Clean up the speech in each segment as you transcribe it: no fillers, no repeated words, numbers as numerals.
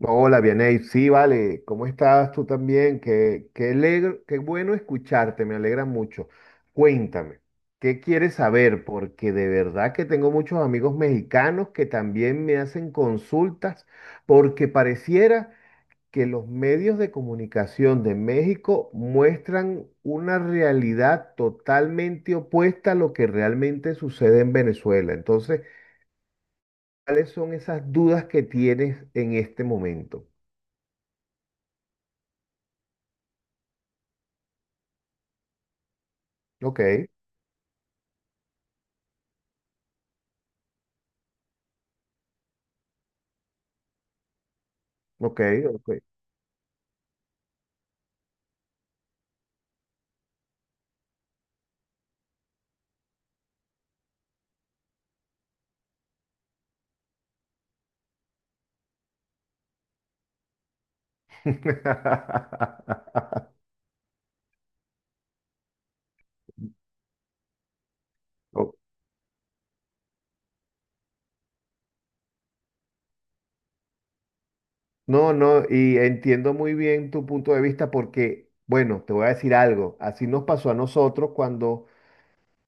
Hola, Vianey. Sí, vale. ¿Cómo estás tú también? Qué bueno escucharte, me alegra mucho. Cuéntame, ¿qué quieres saber? Porque de verdad que tengo muchos amigos mexicanos que también me hacen consultas porque pareciera que los medios de comunicación de México muestran una realidad totalmente opuesta a lo que realmente sucede en Venezuela. Entonces, ¿cuáles son esas dudas que tienes en este momento? Ok. Ok, ok. Oh, no, no, y entiendo muy bien tu punto de vista porque, bueno, te voy a decir algo, así nos pasó a nosotros cuando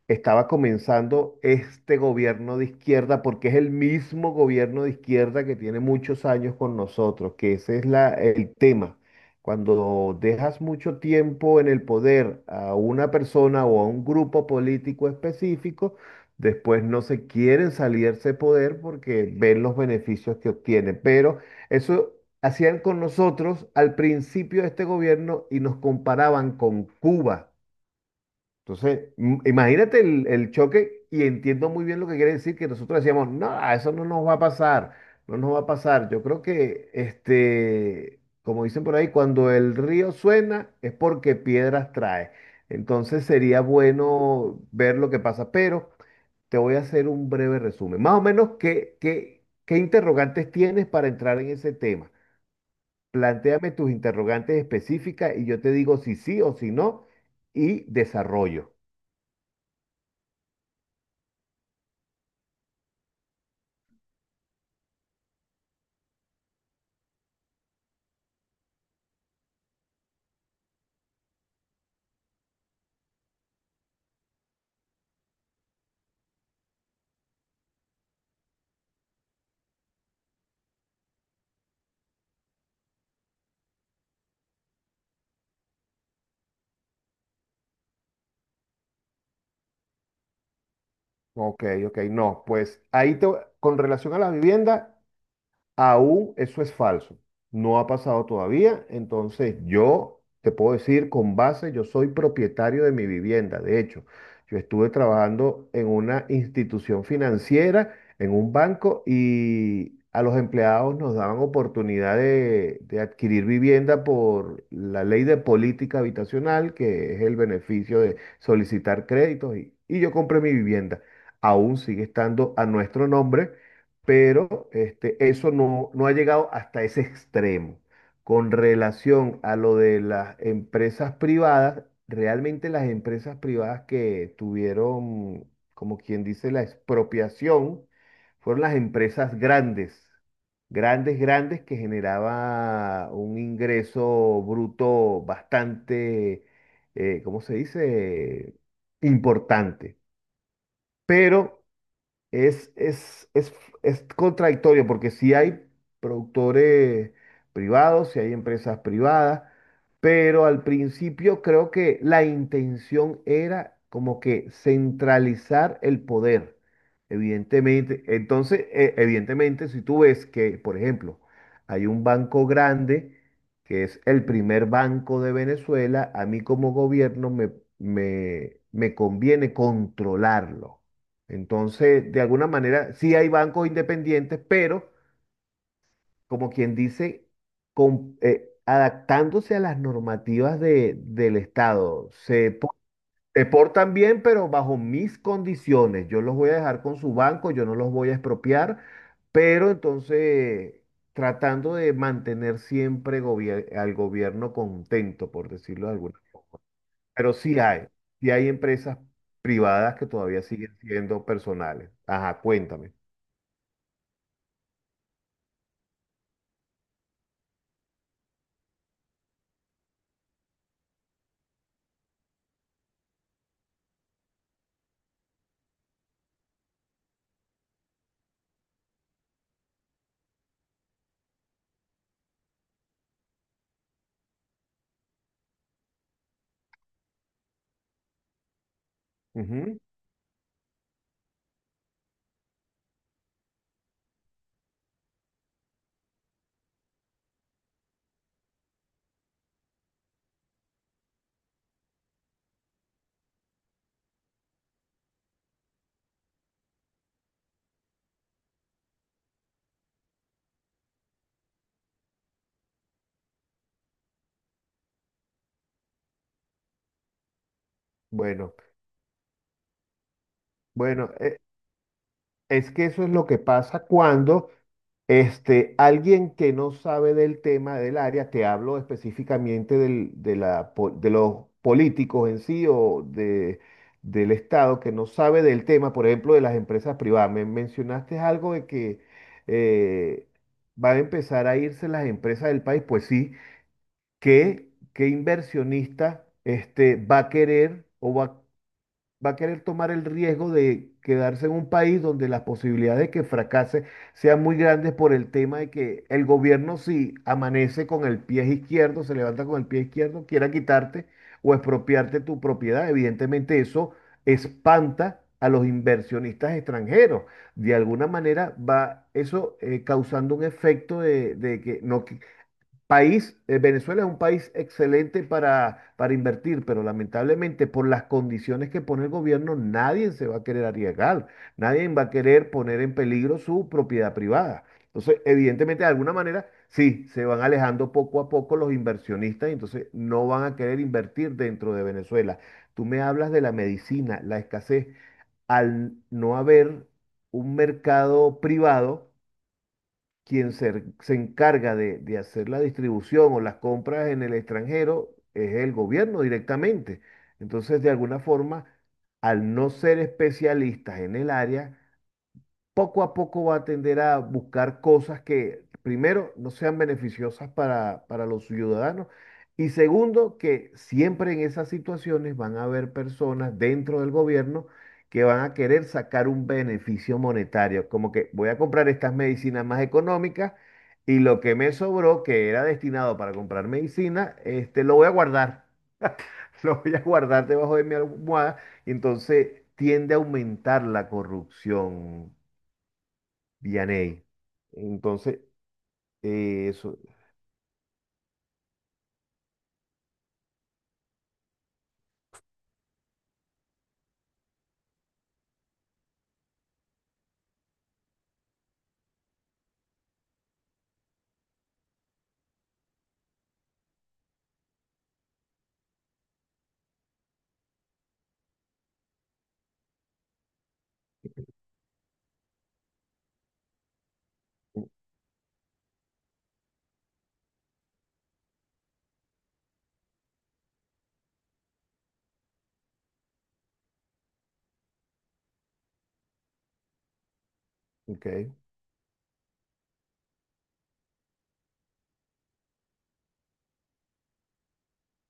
estaba comenzando este gobierno de izquierda, porque es el mismo gobierno de izquierda que tiene muchos años con nosotros, que ese es el tema. Cuando dejas mucho tiempo en el poder a una persona o a un grupo político específico, después no se quieren salirse de poder porque ven los beneficios que obtiene. Pero eso hacían con nosotros al principio de este gobierno y nos comparaban con Cuba. Entonces, imagínate el choque y entiendo muy bien lo que quiere decir que nosotros decíamos, no, eso no nos va a pasar, no nos va a pasar. Yo creo que, este, como dicen por ahí, cuando el río suena es porque piedras trae. Entonces sería bueno ver lo que pasa, pero te voy a hacer un breve resumen. Más o menos, ¿qué interrogantes tienes para entrar en ese tema? Plantéame tus interrogantes específicas y yo te digo si sí o si no y desarrollo. Ok, ok, no, pues con relación a la vivienda, aún eso es falso. No ha pasado todavía. Entonces yo te puedo decir con base, yo soy propietario de mi vivienda. De hecho, yo estuve trabajando en una institución financiera, en un banco, y a los empleados nos daban oportunidad de adquirir vivienda por la ley de política habitacional, que es el beneficio de solicitar créditos. Y yo compré mi vivienda. Aún sigue estando a nuestro nombre pero este, eso no, no ha llegado hasta ese extremo. Con relación a lo de las empresas privadas, realmente las empresas privadas que tuvieron, como quien dice, la expropiación, fueron las empresas grandes, grandes, grandes, que generaba un ingreso bruto bastante, ¿cómo se dice? Importante. Pero es, es, es, es contradictorio porque si hay productores privados, si hay empresas privadas, pero al principio creo que la intención era como que centralizar el poder. Evidentemente, entonces, evidentemente, si tú ves que, por ejemplo, hay un banco grande que es el primer banco de Venezuela, a mí como gobierno me conviene controlarlo. Entonces, de alguna manera, sí hay bancos independientes, pero como quien dice, adaptándose a las normativas del Estado. Se portan bien, pero bajo mis condiciones. Yo los voy a dejar con su banco, yo no los voy a expropiar, pero entonces tratando de mantener siempre al gobierno contento, por decirlo de alguna forma. Pero sí hay empresas privadas que todavía siguen siendo personales. Ajá, cuéntame. Ujú, bueno, bueno, e- es que eso es lo que pasa cuando este, alguien que no sabe del tema del área, te hablo específicamente de los políticos en sí o de, del Estado que no sabe del tema, por ejemplo, de las empresas privadas. Me mencionaste algo de que eh, van a empezar a irse las empresas del país, pues sí, qué inversionista este, va a querer o va a querer tomar el riesgo de quedarse en un país donde las posibilidades de que fracase sean muy grandes por el tema de que el gobierno si amanece con el pie izquierdo, se levanta con el pie izquierdo, quiera quitarte o expropiarte tu propiedad. Evidentemente eso espanta a los inversionistas extranjeros. De alguna manera va eso causando un efecto de que no, país, Venezuela es un país excelente para invertir, pero lamentablemente por las condiciones que pone el gobierno, nadie se va a querer arriesgar, nadie va a querer poner en peligro su propiedad privada. Entonces, evidentemente, de alguna manera, sí, se van alejando poco a poco los inversionistas y entonces no van a querer invertir dentro de Venezuela. Tú me hablas de la medicina, la escasez, al no haber un mercado privado quien se encarga de hacer la distribución o las compras en el extranjero es el gobierno directamente. Entonces, de alguna forma, al no ser especialistas en el área, poco a poco va a tender a buscar cosas que, primero, no sean beneficiosas para los ciudadanos y segundo, que siempre en esas situaciones van a haber personas dentro del gobierno que van a querer sacar un beneficio monetario, como que voy a comprar estas medicinas más económicas y lo que me sobró, que era destinado para comprar medicina, este, lo voy a guardar. Lo voy a guardar debajo de mi almohada y entonces tiende a aumentar la corrupción, Vianey. Entonces, eso, mm, ok,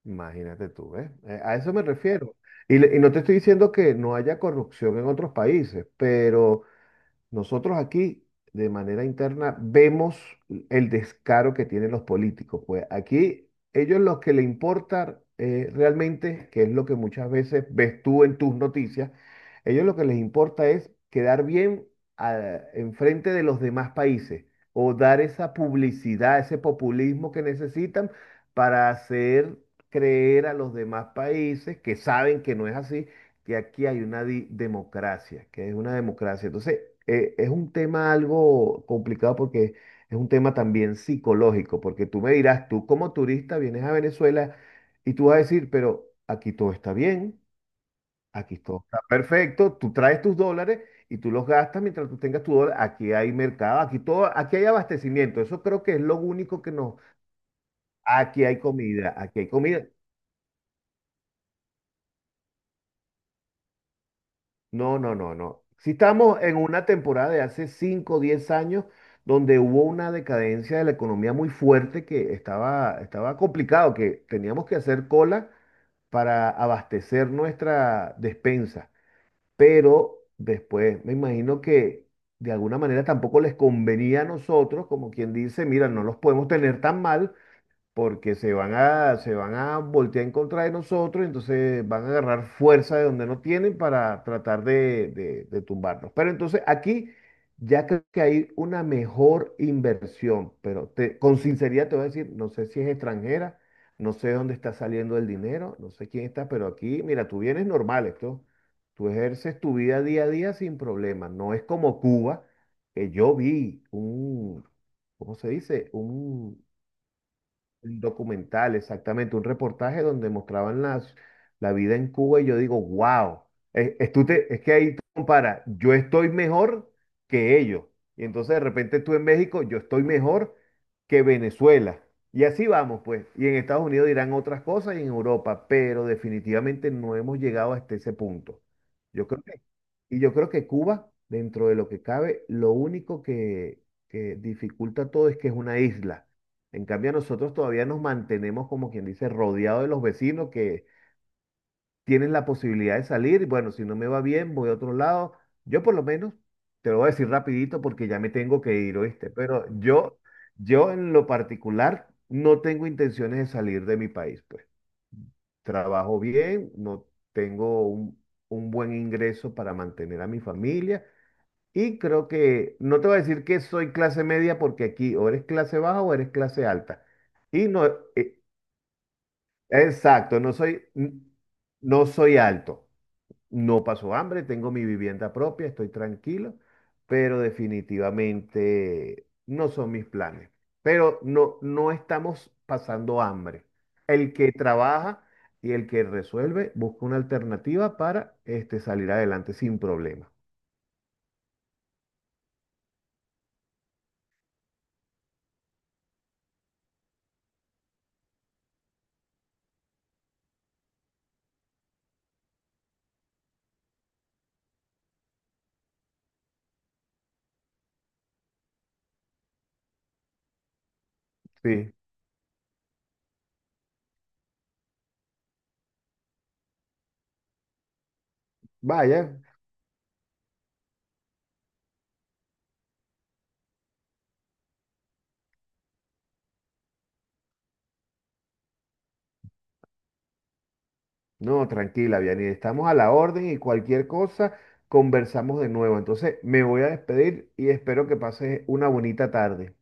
imagínate tú, ¿ves? A eso me refiero. Y, y no te estoy diciendo que no haya corrupción en otros países, pero nosotros aquí, de manera interna, vemos el descaro que tienen los políticos. Pues aquí, ellos lo que le importa realmente, que es lo que muchas veces ves tú en tus noticias, ellos lo que les importa es quedar bien enfrente de los demás países o dar esa publicidad, ese populismo que necesitan para hacer creer a los demás países que saben que no es así, que aquí hay una democracia, que es una democracia. Entonces, es un tema algo complicado porque es un tema también psicológico, porque tú me dirás, tú como turista vienes a Venezuela y tú vas a decir, pero aquí todo está bien, aquí todo está perfecto, tú traes tus dólares y tú los gastas mientras tú tengas tu dólar, aquí hay mercado, aquí todo, aquí hay abastecimiento, eso creo que es lo único que nos... Aquí hay comida, aquí hay comida. No, no, no, no. Si estamos en una temporada de hace 5, o 10 años donde hubo una decadencia de la economía muy fuerte que estaba, estaba complicado, que teníamos que hacer cola para abastecer nuestra despensa. Pero después me imagino que de alguna manera tampoco les convenía a nosotros, como quien dice, mira, no los podemos tener tan mal porque se van a voltear en contra de nosotros, entonces van a agarrar fuerza de donde no tienen para tratar de, de tumbarnos. Pero entonces aquí ya creo que hay una mejor inversión, pero con sinceridad te voy a decir, no sé si es extranjera, no sé dónde está saliendo el dinero, no sé quién está, pero aquí, mira, tú vienes normal esto. Tú ejerces tu vida día a día sin problema. No es como Cuba, que yo vi un, ¿cómo se dice? Un documental, exactamente, un reportaje donde mostraban las, la vida en Cuba y yo digo, wow, es que ahí tú comparas, yo estoy mejor que ellos. Y entonces de repente tú en México, yo estoy mejor que Venezuela. Y así vamos, pues. Y en Estados Unidos dirán otras cosas y en Europa, pero definitivamente no hemos llegado hasta ese punto. Yo creo que, y yo creo que Cuba, dentro de lo que cabe, lo único que dificulta todo es que es una isla. En cambio, nosotros todavía nos mantenemos, como quien dice, rodeados de los vecinos que tienen la posibilidad de salir. Y bueno, si no me va bien, voy a otro lado. Yo por lo menos, te lo voy a decir rapidito porque ya me tengo que ir, ¿oíste? Pero yo en lo particular, no tengo intenciones de salir de mi país, pues. Trabajo bien, no tengo un buen ingreso para mantener a mi familia. Y creo que, no te voy a decir que soy clase media porque aquí o eres clase baja o eres clase alta. Y no, e- exacto, no soy, no soy alto, no paso hambre, tengo mi vivienda propia, estoy tranquilo, pero definitivamente no son mis planes. Pero no, no estamos pasando hambre. El que trabaja y el que resuelve busca una alternativa para este, salir adelante sin problema. Sí, vaya, no, tranquila, Vianney, estamos a la orden y cualquier cosa conversamos de nuevo. Entonces, me voy a despedir y espero que pases una bonita tarde.